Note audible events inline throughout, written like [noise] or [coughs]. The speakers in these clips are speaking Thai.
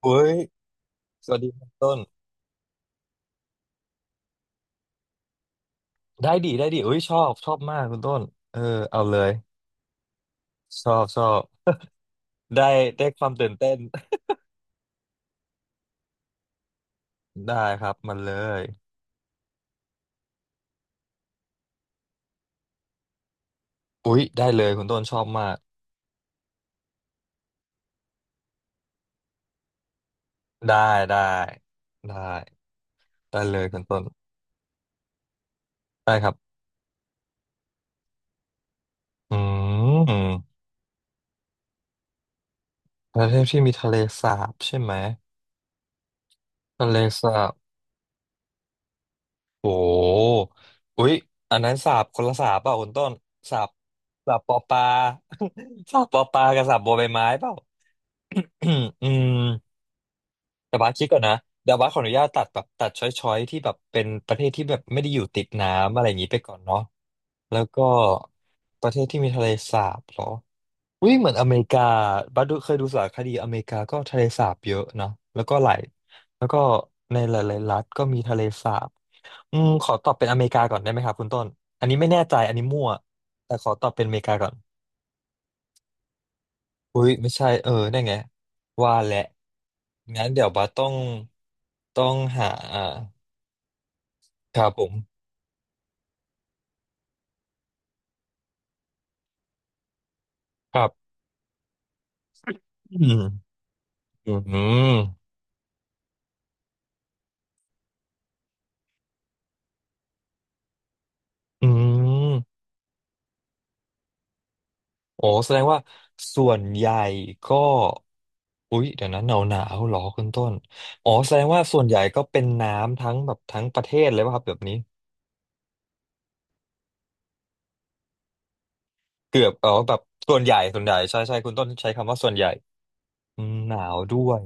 เฮ้ยสวัสดีคุณต้นได้ดีได้ดีเอ้ยชอบชอบมากคุณต้นเออเอาเลยชอบชอบได้ได้ความตื่นเต้น [laughs] ได้ครับมันเลยอุ๊ยได้เลยคุณต้นชอบมากได้ได้ได้ได้เลยคุณต้นได้ครับอืมประเทศที่มีทะเลสาบใช่ไหมทะเลสาบโอ้อุ๊ยอันนั้นสาบคนละสาบเปล่าคุณต้นสาบสาบปอปลา [laughs] สาบปอปลากับสาบบัวใบไม้เปล่า [clears throat] อืม แต่บาสคิดก่อนนะเดี๋ยวบาสขออนุญาตตัดแบบตัดช้อยๆที่แบบเป็นประเทศที่แบบไม่ได้อยู่ติดน้ำอะไรอย่างนี้ไปก่อนเนาะแล้วก็ประเทศที่มีทะเลสาบเหรออุ้ยเหมือนอเมริกาบัสดูเคยดูสารคดีอเมริกาก็ทะเลสาบเยอะนะแล้วก็หลายแล้วก็ในหลายๆรัฐก็มีทะเลสาบอืมขอตอบเป็นอเมริกาก่อนได้ไหมครับคุณต้นอันนี้ไม่แน่ใจอันนี้มั่วแต่ขอตอบเป็นอเมริกาก่อนอุ้ยไม่ใช่เออได้ไงว่าแหละงั้นเดี๋ยวบัสต้องต้องหาอ่าครับผม ครับอืมอืมอืมโอ้แสดงว่าส่วนใหญ่ก็ อุ๊ย เดี๋ยวนะหนาวหนาวหรอคุณต้นอ๋อแสดงว่าส่วนใหญ่ก็เป็นน้ำทั้งแบบทั้งประเทศเลยป่ะครับแบบนี้เกือบเอ๋อแบบส่วนใหญ่ส่วนใหญ่ใช่ใช่คุณต้นใช้คำว่าส่วนใหญ่อืมหนาวด้วย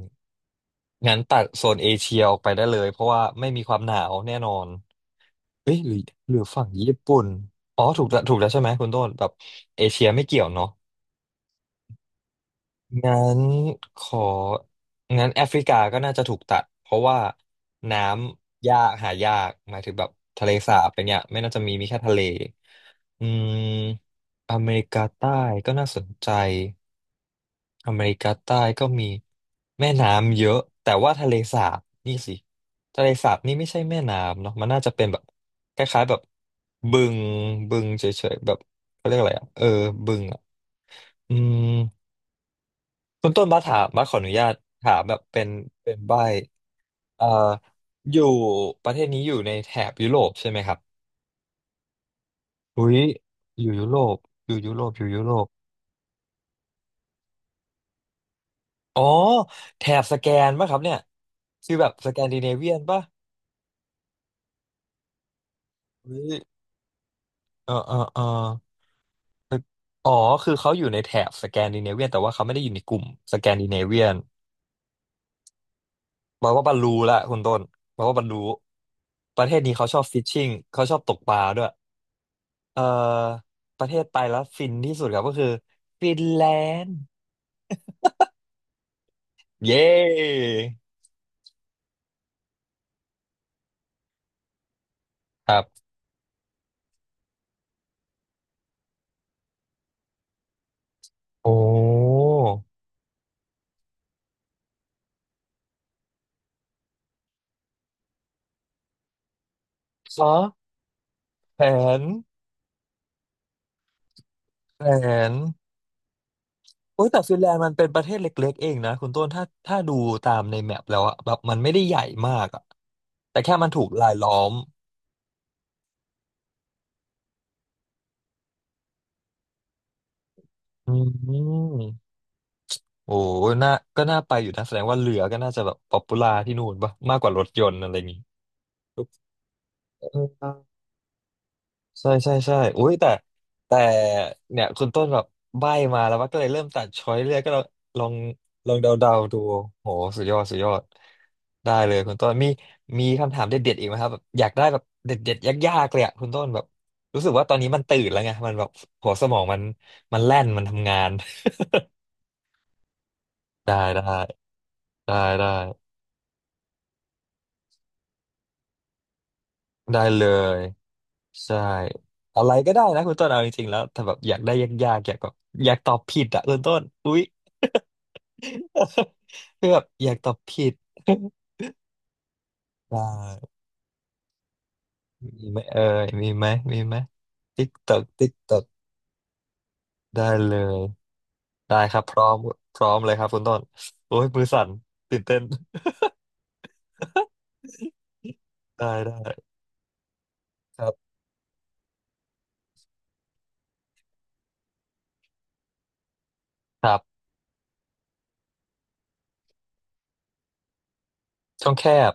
งั้นตัดโซนเอเชียออกไปได้เลยเพราะว่าไม่มีความหนาวแน่นอนเอ้ยหรือหรือฝั่งญี่ปุ่นอ๋อถูกแล้วถูกแล้วใช่ไหมคุณต้นแบบเอเชียไม่เกี่ยวเนาะ งั้นของั้นแอฟริกาก็น่าจะถูกตัดเพราะว่าน้ำยากหายากหมายถึงแบบทะเลสาบอะไรเงี้ยไม่น่าจะมีมีแค่ทะเลอืมอเมริกาใต้ก็น่าสนใจอเมริกาใต้ก็มีแม่น้ำเยอะแต่ว่าทะเลสาบนี่สิทะเลสาบนี่ไม่ใช่แม่น้ำเนาะมันน่าจะเป็นแบบคล้ายๆแบบบึงบึงเฉยๆแบบเขาเรียกอะไรอ่ะเออบึงอ่ะอืม คุณต้นบัสถามบัสขออนุญาตถามแบบเป็นเป็นใบเอ่ออยู่ประเทศนี้อยู่ในแถบยุโรปใช่ไหมครับอุ้ยอยู่ยุโรปอยู่ยุโรปอยู่ยุโรปอ๋อแถบสแกนป่ะครับเนี่ยคือแบบสแกนดิเนเวียนป่ะอุ้ยเออเออเอออ๋อคือเขาอยู่ในแถบสแกนดิเนเวียนแต่ว่าเขาไม่ได้อยู่ในกลุ่มสแกนดิเนเวียนบอกว่าบรรลุละคุณต้นบอกว่าบรรลุประเทศนี้เขาชอบฟิชชิ่งเขาชอบตกปลาด้วย เอ่อประเทศไปแล้วฟินที่สุดครับก็คือฟินแลนด์เย้ครับโอ้ขอแผนแผนอุ้ยแต่ฟินแลนด์มันเป็นประเทศเล็กๆเองนะคุณต้นถ้าถ้าดูตามในแมปแล้วอะแบบมันไม่ได้ใหญ่มากอะแต่แค่มันถูกรายล้อมอืมโอ้น่าก็น่าไปอยู่นะแสดงว่าเรือก็น่าจะแบบป๊อปปูล่าที่นู่นปะมากกว่ารถยนต์อะไรอย่างงี้เออ ใช่ใช่ใช่อุ้ยแต่แต่เนี่ยคุณต้นแบบใบ้มาแล้วว่าก็เลยเริ่มตัดช้อยเรื่อยก็ลองลองลองเดาเดาดูโหสุดยอดสุดยอดได้เลยคุณต้นมีมีคำถามเด็ดๆอีกไหมครับแบบอยากได้แบบเด็ดๆยากๆเลยอะคุณต้นแบบรู้สึกว่าตอนนี้มันตื่นแล้วไงมันแบบหัวสมองมันมันแล่นมันทำงาน [laughs] ได้ได้ได้ได้ได้เลยใช่อะไรก็ได้นะคุณต้นเอาจริงๆแล้วถ้าแบบอยากได้ยากๆอยากแบบอยากตอบผิดอะคุณต้นอุ้ย [laughs] คือแบบอยากตอบผิด [laughs] ได้มีไหมเอ่ยมีไหมมีไหมติ๊กตอกติ๊กตอกได้เลยได้ครับพร้อมพร้อมเลยครับคุณต้นโอ้ยมือสั่นตื่นเต้น [laughs] ได้ได้ครับครับช่องแคบ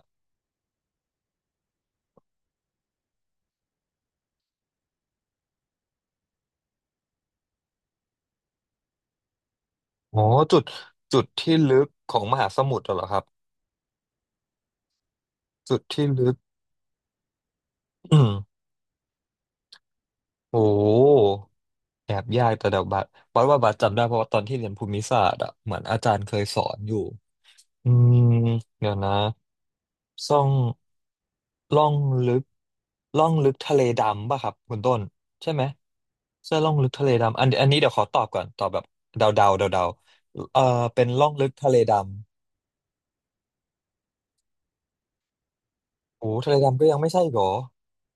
โอ้จุดจุดที่ลึกของมหาสมุทรเหรอครับจุดที่ลึกอืมโอ้แอบยากแต่เดี๋ยวบัดบัดว่าบัดจำได้เพราะว่าตอนที่เรียนภูมิศาสตร์อ่ะเหมือนอาจารย์เคยสอนอยู่อืมเดี๋ยวนะ ซ่องล่องลึกล่องลึกทะเลดำป่ะครับคุณต้นใช่ไหมเสื้อล่องลึกทะเลดำอันอันนี้เดี๋ยวขอตอบก่อนตอบแบบเดาเดาเดาเดาๆเออเป็นล่องลึกทะเลดำโอ้ทะเลดำก็ยังไม่ใช่อีกเหรอ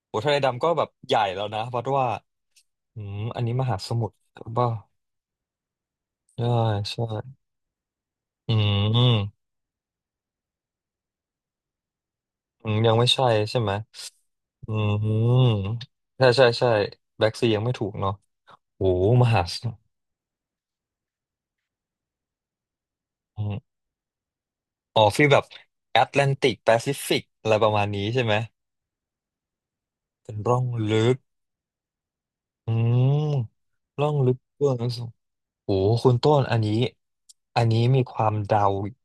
โอ้ทะเลดำก็แบบใหญ่แล้วนะเพราะว่าอืมอันนี้มหาสมุทรป่ะใช่ใช่อืมอืมยังไม่ใช่ใช่ไหมอืมใช่ใช่ใช่แบ็กซียังไม่ถูกเนาะโอ้มหาสมุทร อ๋อฟีลแบบแอตแลนติกแปซิฟิกอะไรประมาณนี้ใช่ไหมเป็นร่องลึกอืมร่องลึกเบื้องสูงโอ้โหคุณต้นอันนี้อันนี้มีความเดา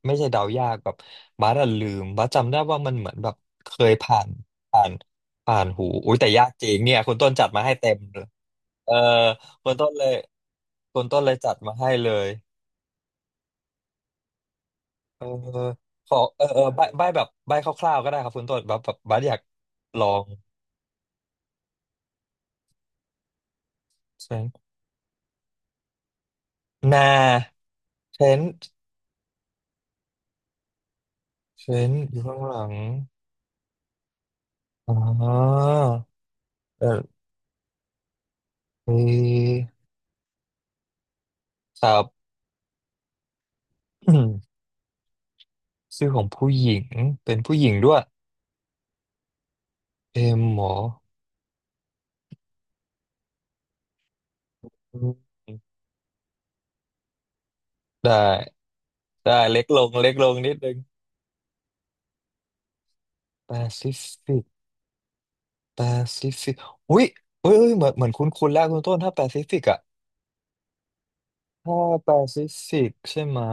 ไม่ใช่เดายากแบบบัสอะลืมบัสจำได้ว่ามันเหมือนแบบเคยผ่านผ่านผ่านหูอุ้ยแต่ยากจริงเนี่ยคุณต้นจัดมาให้เต็มเลยเออคุณต้นเลยคุณต้นเลยจัดมาให้เลยเออขอเออเออใบใบแบบใบคร่าวๆก็ได้ครับคุณต้นแบบแบบบัสอยากลอง นาเทรนต์เทรนต์อยู่ข้างหลังอ๋อเออเอครับ [coughs] [clears throat] ชื่อของผู้หญิงเป็นผู้หญิงด้วยเอ็มหมออืมได้ได้เล็กลงเล็กลงนิดนึงแปซิฟิกแปซิฟิกอุ้ยอุ้ยอุ้ยเหมือนเหมือนคุ้นคุ้นแล้วคุณต้นถ้าแปซิฟิกอะถ้าแปซิฟิกใช่ไหมะ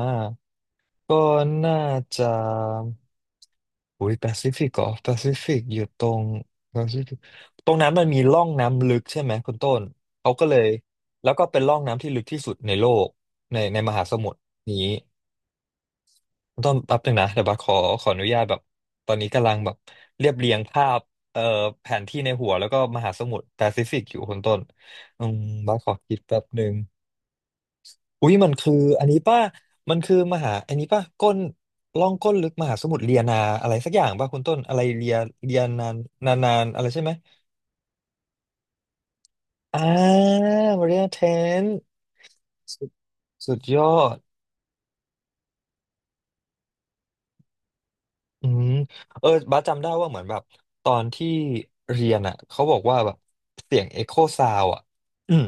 ก็น่าจะ อุ้ยแปซิฟิกเหรอแปซิฟิกอยู่ตรงแปซิฟิกตรงนั้นมันมีร่องน้ำลึกใช่ไหมคุณต้นเขาก็เลยแล้วก็เป็นร่องน้ำที่ลึกที่สุดในโลกในมหาสมุทรนี้คุณต้นแป๊บนึงนะเดี๋ยวบัสขอขออนุญาตแบบตอนนี้กำลังแบบเรียบเรียงภาพเอ่อแผนที่ในหัวแล้วก็มหาสมุทรแปซิฟิกอยู่คุณต้นอืมบัสขอคิดแป๊บนึง อุ้ยมันคืออันนี้ป่ะมันคือมหาอันนี้ป่ะก้นล่องก้นลึกมหาสมุทรเลียนาอะไรสักอย่างป่ะคุณต้นอะไรเลียเลียนานนานนานอะไรใช่ไหมอ่ามาเรียเทนสุดสุดยอดอืมเออบ้าสจำได้ว่าเหมือนแบบตอนที่เรียนอ่ะเขาบอกว่าแบบเสียงเอ็กโคซาวอ่ะอืม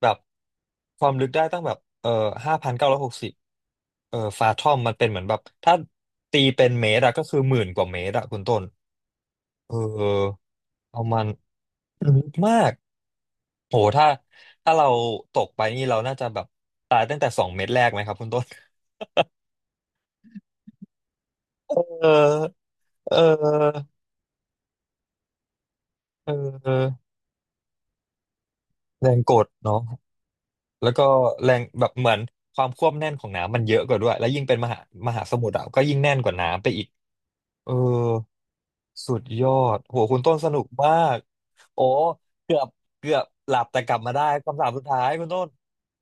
แบบความลึกได้ตั้งแบบ5,960เออฟาทอมมันเป็นเหมือนแบบถ้าตีเป็นเมตรอะก็คือหมื่นกว่าเมตรอะคุณต้น เออเอามัน [clears throat] ลึกมากโหถ้าถ้าเราตกไปนี่เราน่าจะแบบตายตั้งแต่สองเม็ดแรกไหมครับคุณต้นเออเออเออแรงกดเนาะแล้วก็แรงแบบเหมือนความควบแน่นของน้ำมันเยอะกว่าด้วยแล้วยิ่งเป็นมหามหาสมุทรอ่ะก็ยิ่งแน่นกว่าน้ำไปอีกเออสุดยอดโหคุณต้นสนุกมากโอ้เกือบเกือบหลับแต่กลับมาได้คำถามสุดท้ายคุณต้น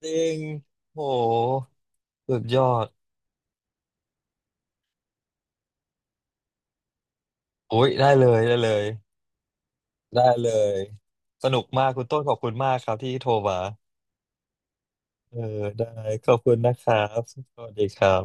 จริงโหสุดยอด โอ้ยได้เลยได้เลยได้เลยสนุกมากคุณต้นขอบคุณมากครับที่โทรมาเออได้ขอบคุณนะครับสวัสดีครับ